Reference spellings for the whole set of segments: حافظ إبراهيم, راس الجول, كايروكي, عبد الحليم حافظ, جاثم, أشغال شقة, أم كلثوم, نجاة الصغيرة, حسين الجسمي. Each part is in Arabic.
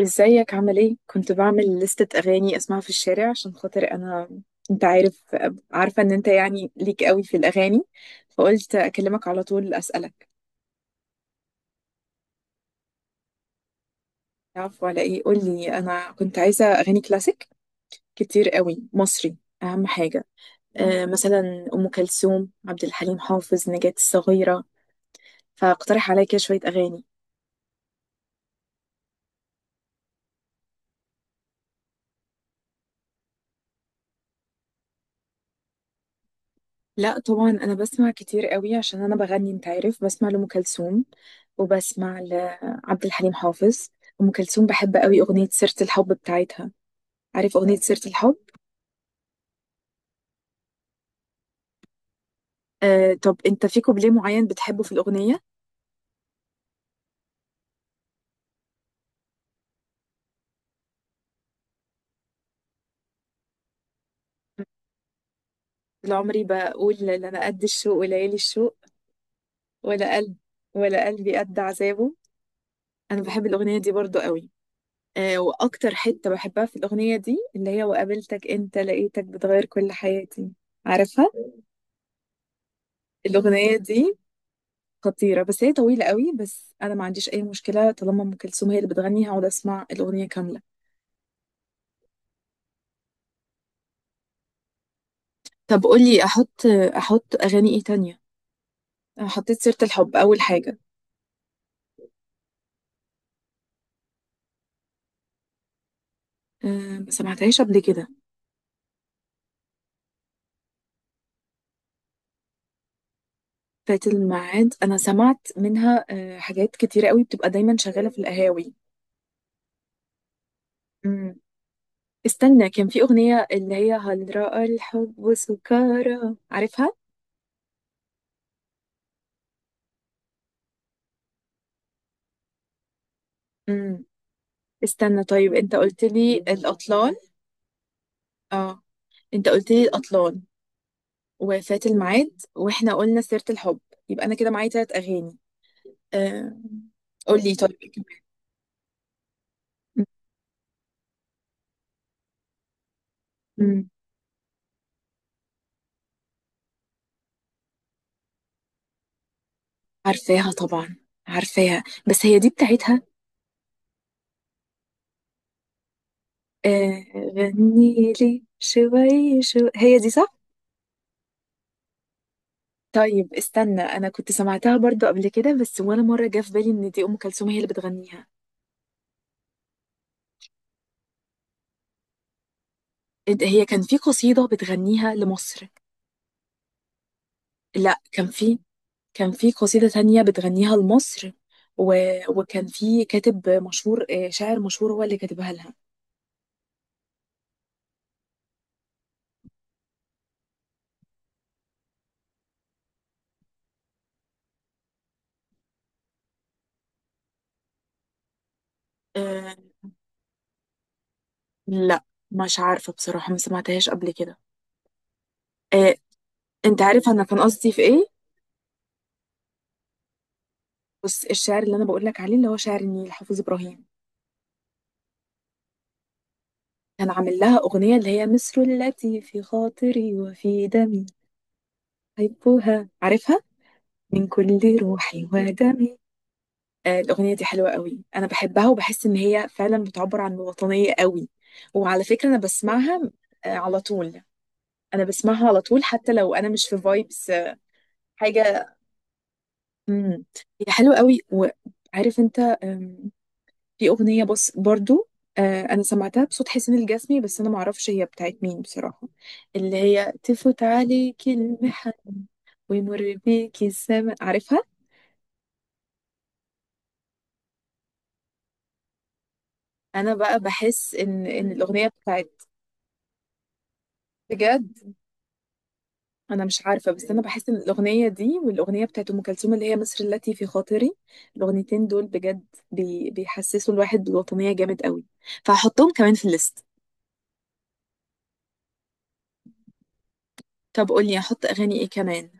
ازيك؟ عامل ايه؟ كنت بعمل لستة اغاني اسمعها في الشارع عشان خاطر انا. انت عارف عارفة ان انت يعني ليك قوي في الاغاني، فقلت اكلمك على طول اسألك. عفوا على ايه؟ قولي، انا كنت عايزة اغاني كلاسيك كتير قوي مصري، اهم حاجة. آه، مثلا ام كلثوم، عبد الحليم حافظ، نجاة الصغيرة. فاقترح عليا كده شوية اغاني. لا طبعا، انا بسمع كتير قوي عشان انا بغني، انت عارف. بسمع لأم كلثوم وبسمع لعبد الحليم حافظ. ام كلثوم بحب قوي اغنية سيرة الحب بتاعتها. عارف اغنية سيرة الحب؟ آه، طب انت في كوبليه معين بتحبه في الاغنية؟ طول عمري بقول: لا انا قد الشوق وليالي الشوق، ولا قلب، ولا قلبي قد عذابه. انا بحب الاغنيه دي برضو قوي. آه، واكتر حته بحبها في الاغنيه دي اللي هي: وقابلتك انت لقيتك بتغير كل حياتي. عارفها؟ الاغنيه دي خطيرة، بس هي طويلة قوي. بس أنا ما عنديش أي مشكلة، طالما أم كلثوم هي اللي بتغني هقعد أسمع الأغنية كاملة. طب قولي أحط، أحط أغاني إيه تانية؟ أنا حطيت سيرة الحب أول حاجة. أه، ما سمعتهاش قبل كده. فات الميعاد أنا سمعت منها أه حاجات كتيرة قوي، بتبقى دايما شغالة في القهاوي. أمم. استنى، كان في أغنية اللي هي هل رأى الحب سكارى، عارفها؟ أمم. استنى طيب، أنت قلت لي الأطلال. اه، أنت قلت لي الأطلال وفات الميعاد، واحنا قلنا سيرة الحب. يبقى انا كده معايا تلات اغاني. أه... قولي طيب. أمم، عارفاها طبعا. عارفاها، بس هي دي بتاعتها؟ آه، غني لي شوي شو، هي دي صح؟ طيب استنى، انا كنت سمعتها برضو قبل كده، بس ولا مرة جه في بالي ان دي ام كلثوم هي اللي بتغنيها. هي كان في قصيدة بتغنيها لمصر. لا، كان في، كان في قصيدة تانية بتغنيها لمصر. و... وكان في كاتب مشهور، شاعر مشهور هو اللي كاتبها لها. آه، لا مش عارفة بصراحة، ما سمعتهاش قبل كده. آه، انت عارف انا كان قصدي في ايه؟ بس الشعر اللي انا بقول لك عليه اللي هو شعر النيل، حافظ ابراهيم. كان عامل لها اغنية اللي هي مصر التي في خاطري وفي دمي. احبها، عارفها؟ من كل روحي ودمي. الأغنية دي حلوة قوي، أنا بحبها وبحس إن هي فعلا بتعبر عن الوطنية قوي. وعلى فكرة أنا بسمعها. على طول. أنا بسمعها على طول حتى لو أنا مش في فايبس. حاجة. مم. هي حلوة قوي. وعارف أنت، في أغنية بس برضو. أنا سمعتها بصوت حسين الجسمي، بس أنا معرفش هي بتاعت مين بصراحة. اللي هي تفوت عليك المحن ويمر بيك السماء، عارفها؟ أنا بقى بحس إن الأغنية بتاعت، بجد انا مش عارفه. بس انا بحس ان الاغنيه دي والاغنيه بتاعت ام كلثوم اللي هي مصر التي في خاطري، الاغنيتين دول بجد بيحسسوا الواحد بالوطنيه جامد قوي، فهحطهم كمان في الليست. طب قولي احط اغاني ايه كمان؟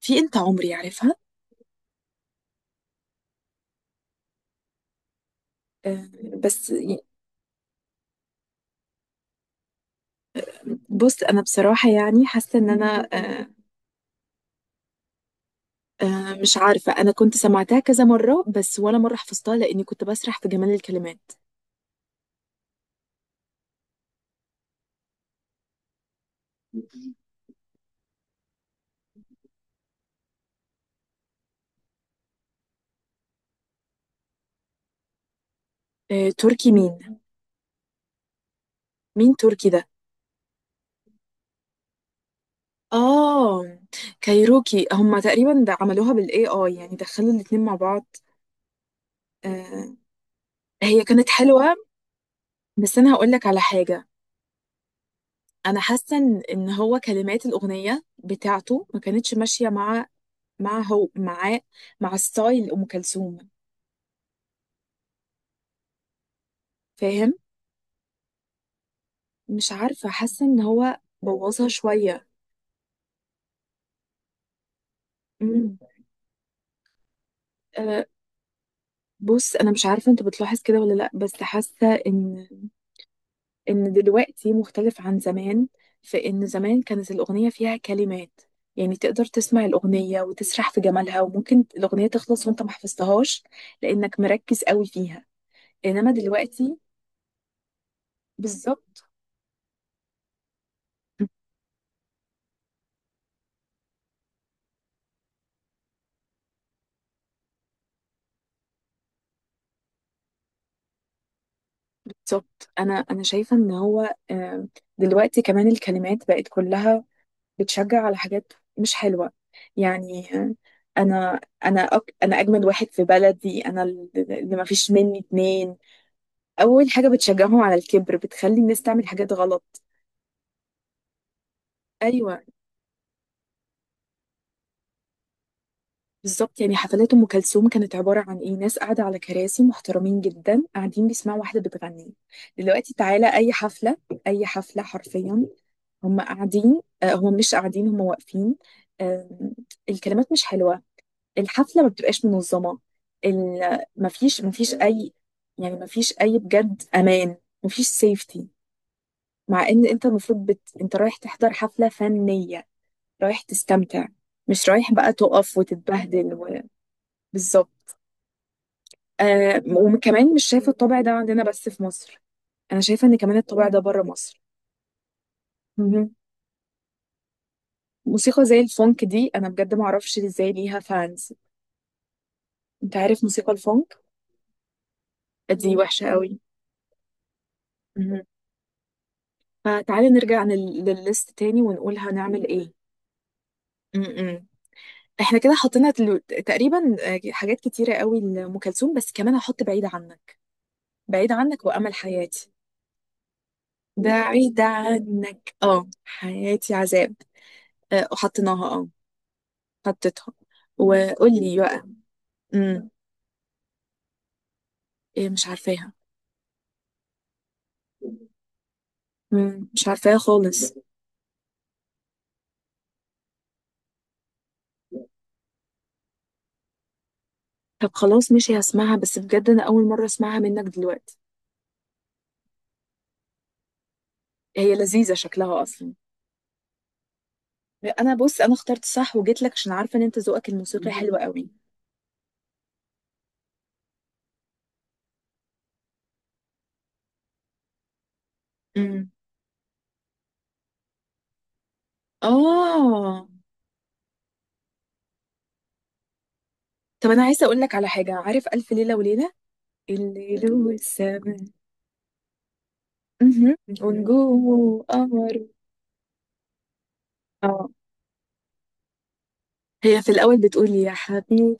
في انت عمري، عارفها؟ آه. بس ي- بص انا بصراحه يعني حاسه ان انا آه، آه مش عارفه، انا كنت سمعتها كذا مره، بس ولا مره حفظتها لاني كنت بسرح في جمال الكلمات. آه تركي مين؟ مين تركي ده؟ اه، كايروكي هما تقريبا ده عملوها بالاي اي، يعني دخلوا الاتنين مع بعض. آه. هي كانت حلوة، بس انا هقول لك على حاجة. انا حاسة ان هو كلمات الاغنية بتاعته ما كانتش ماشية مع، مع هو معاه، مع ستايل ام كلثوم. فاهم؟ مش عارفة، حاسة ان هو بوظها شوية. مم. آه، بص انا مش عارفة انت بتلاحظ كده ولا لا، بس حاسة ان دلوقتي مختلف عن زمان. في ان زمان كانت الاغنيه فيها كلمات، يعني تقدر تسمع الاغنيه وتسرح في جمالها، وممكن الاغنيه تخلص وانت ما حفظتهاش لانك مركز قوي فيها. انما دلوقتي بالظبط. بالظبط، انا شايفه ان هو، دلوقتي كمان الكلمات بقت كلها بتشجع على حاجات مش حلوه. يعني انا انا اجمد واحد في بلدي انا، اللي ما فيش مني اتنين. اول حاجه بتشجعهم على الكبر، بتخلي الناس تعمل حاجات غلط. ايوه، بالظبط. يعني حفلات ام كلثوم كانت عباره عن ايه؟ ناس قاعده على كراسي محترمين جدا، قاعدين بيسمعوا واحده بتغني. دلوقتي تعالى اي حفله، اي حفله حرفيا، هم قاعدين، هم مش قاعدين، هم واقفين. آم، الكلمات مش حلوة، الحفلة ما بتبقاش منظمة. مفيش، مفيش أي، يعني مفيش أي بجد أمان، مفيش سيفتي. مع إن أنت المفروض أنت رايح تحضر حفلة فنية، رايح تستمتع، مش رايح بقى تقف وتتبهدل و... بالظبط. آه، وكمان مش شايفة الطابع ده عندنا بس في مصر. أنا شايفة إن كمان الطابع ده بره مصر. مهم. موسيقى زي الفونك دي أنا بجد معرفش إزاي ليها فانز. أنت عارف موسيقى الفونك؟ دي وحشة قوي. مهم. فتعالي نرجع للليست تاني ونقول هنعمل إيه. م-م. إحنا كده حطينا تقريبا، حاجات كتيرة قوي لأم كلثوم، بس كمان هحط بعيد عنك. بعيد عنك وأمل حياتي. بعيدة عنك، اه حياتي عذاب. وحطيناها اه. حطيتها. وقولي بقى. امم، ايه؟ مش عارفاها. امم، مش عارفاها خالص. طب خلاص ماشي، هسمعها. بس بجد انا اول مرة اسمعها منك دلوقتي. هي لذيذة شكلها اصلا. انا، بص انا اخترت صح وجيت لك عشان عارفة ان انت ذوقك الموسيقي حلو قوي. امم، اه. طب انا عايزة اقول لك على حاجة، عارف الف ليلة وليلة؟ الليل والسماء. مهم. ونجوم وقمر. اه، هي في الأول بتقولي يا حبيبي.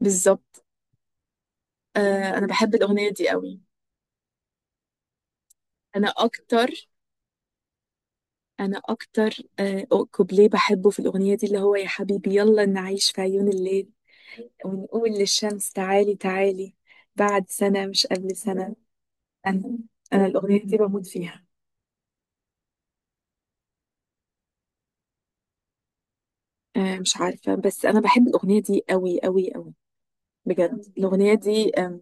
بالظبط. آه، أنا بحب الأغنية دي قوي. أنا أكتر، أنا أكتر، آه، كوبليه بحبه في الأغنية دي اللي هو يا حبيبي يلا نعيش في عيون الليل، ونقول للشمس تعالي تعالي بعد سنة مش قبل سنة. أنا أنا الأغنية دي بموت فيها. آه مش عارفة، بس أنا بحب الأغنية دي قوي قوي قوي. بجد الأغنية دي،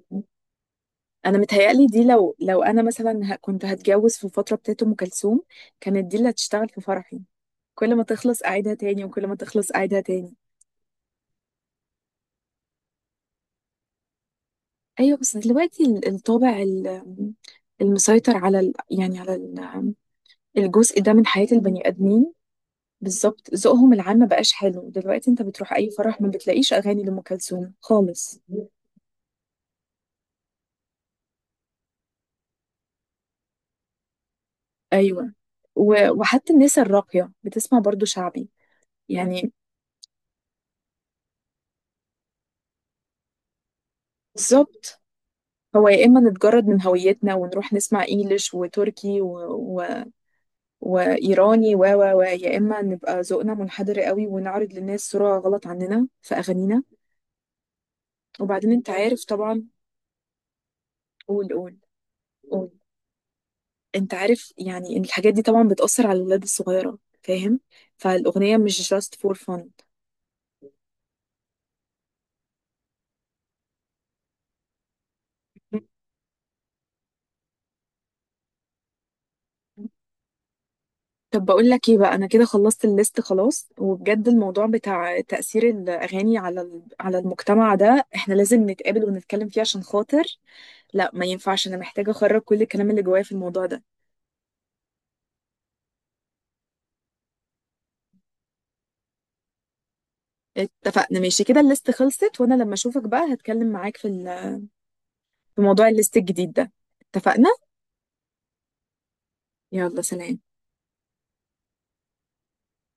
أنا متهيألي دي، لو أنا مثلا كنت هتجوز في الفترة بتاعت أم كلثوم، كانت دي اللي هتشتغل في فرحي. كل ما تخلص أعيدها تاني، وكل ما تخلص أعيدها تاني. أيوة، بس دلوقتي الطابع المسيطر على ال... يعني على ال... الجزء ده من حياة البني آدمين، بالظبط ذوقهم العام ما بقاش حلو. دلوقتي انت بتروح أي فرح ما بتلاقيش أغاني لأم كلثوم خالص. أيوة. و... وحتى الناس الراقية بتسمع برضو شعبي، يعني بالظبط. هو يا إما نتجرد من هويتنا ونروح نسمع إنجليش وتركي و... وايراني و و و، يا اما نبقى ذوقنا منحدر قوي ونعرض للناس صورة غلط عننا في اغانينا. وبعدين انت عارف طبعا. قول، قول. قول، انت عارف يعني ان الحاجات دي طبعا بتأثر على الولاد الصغيرة، فاهم؟ فالاغنية مش just for fun. طب بقول لك ايه بقى، انا كده خلصت الليست خلاص. وبجد الموضوع بتاع تأثير الاغاني على على المجتمع ده احنا لازم نتقابل ونتكلم فيه عشان خاطر، لا ما ينفعش. انا محتاجة اخرج كل الكلام اللي جوايا في الموضوع ده. اتفقنا ماشي كده، الليست خلصت، وانا لما اشوفك بقى هتكلم معاك في في موضوع الليست الجديد ده. اتفقنا. يلا سلام.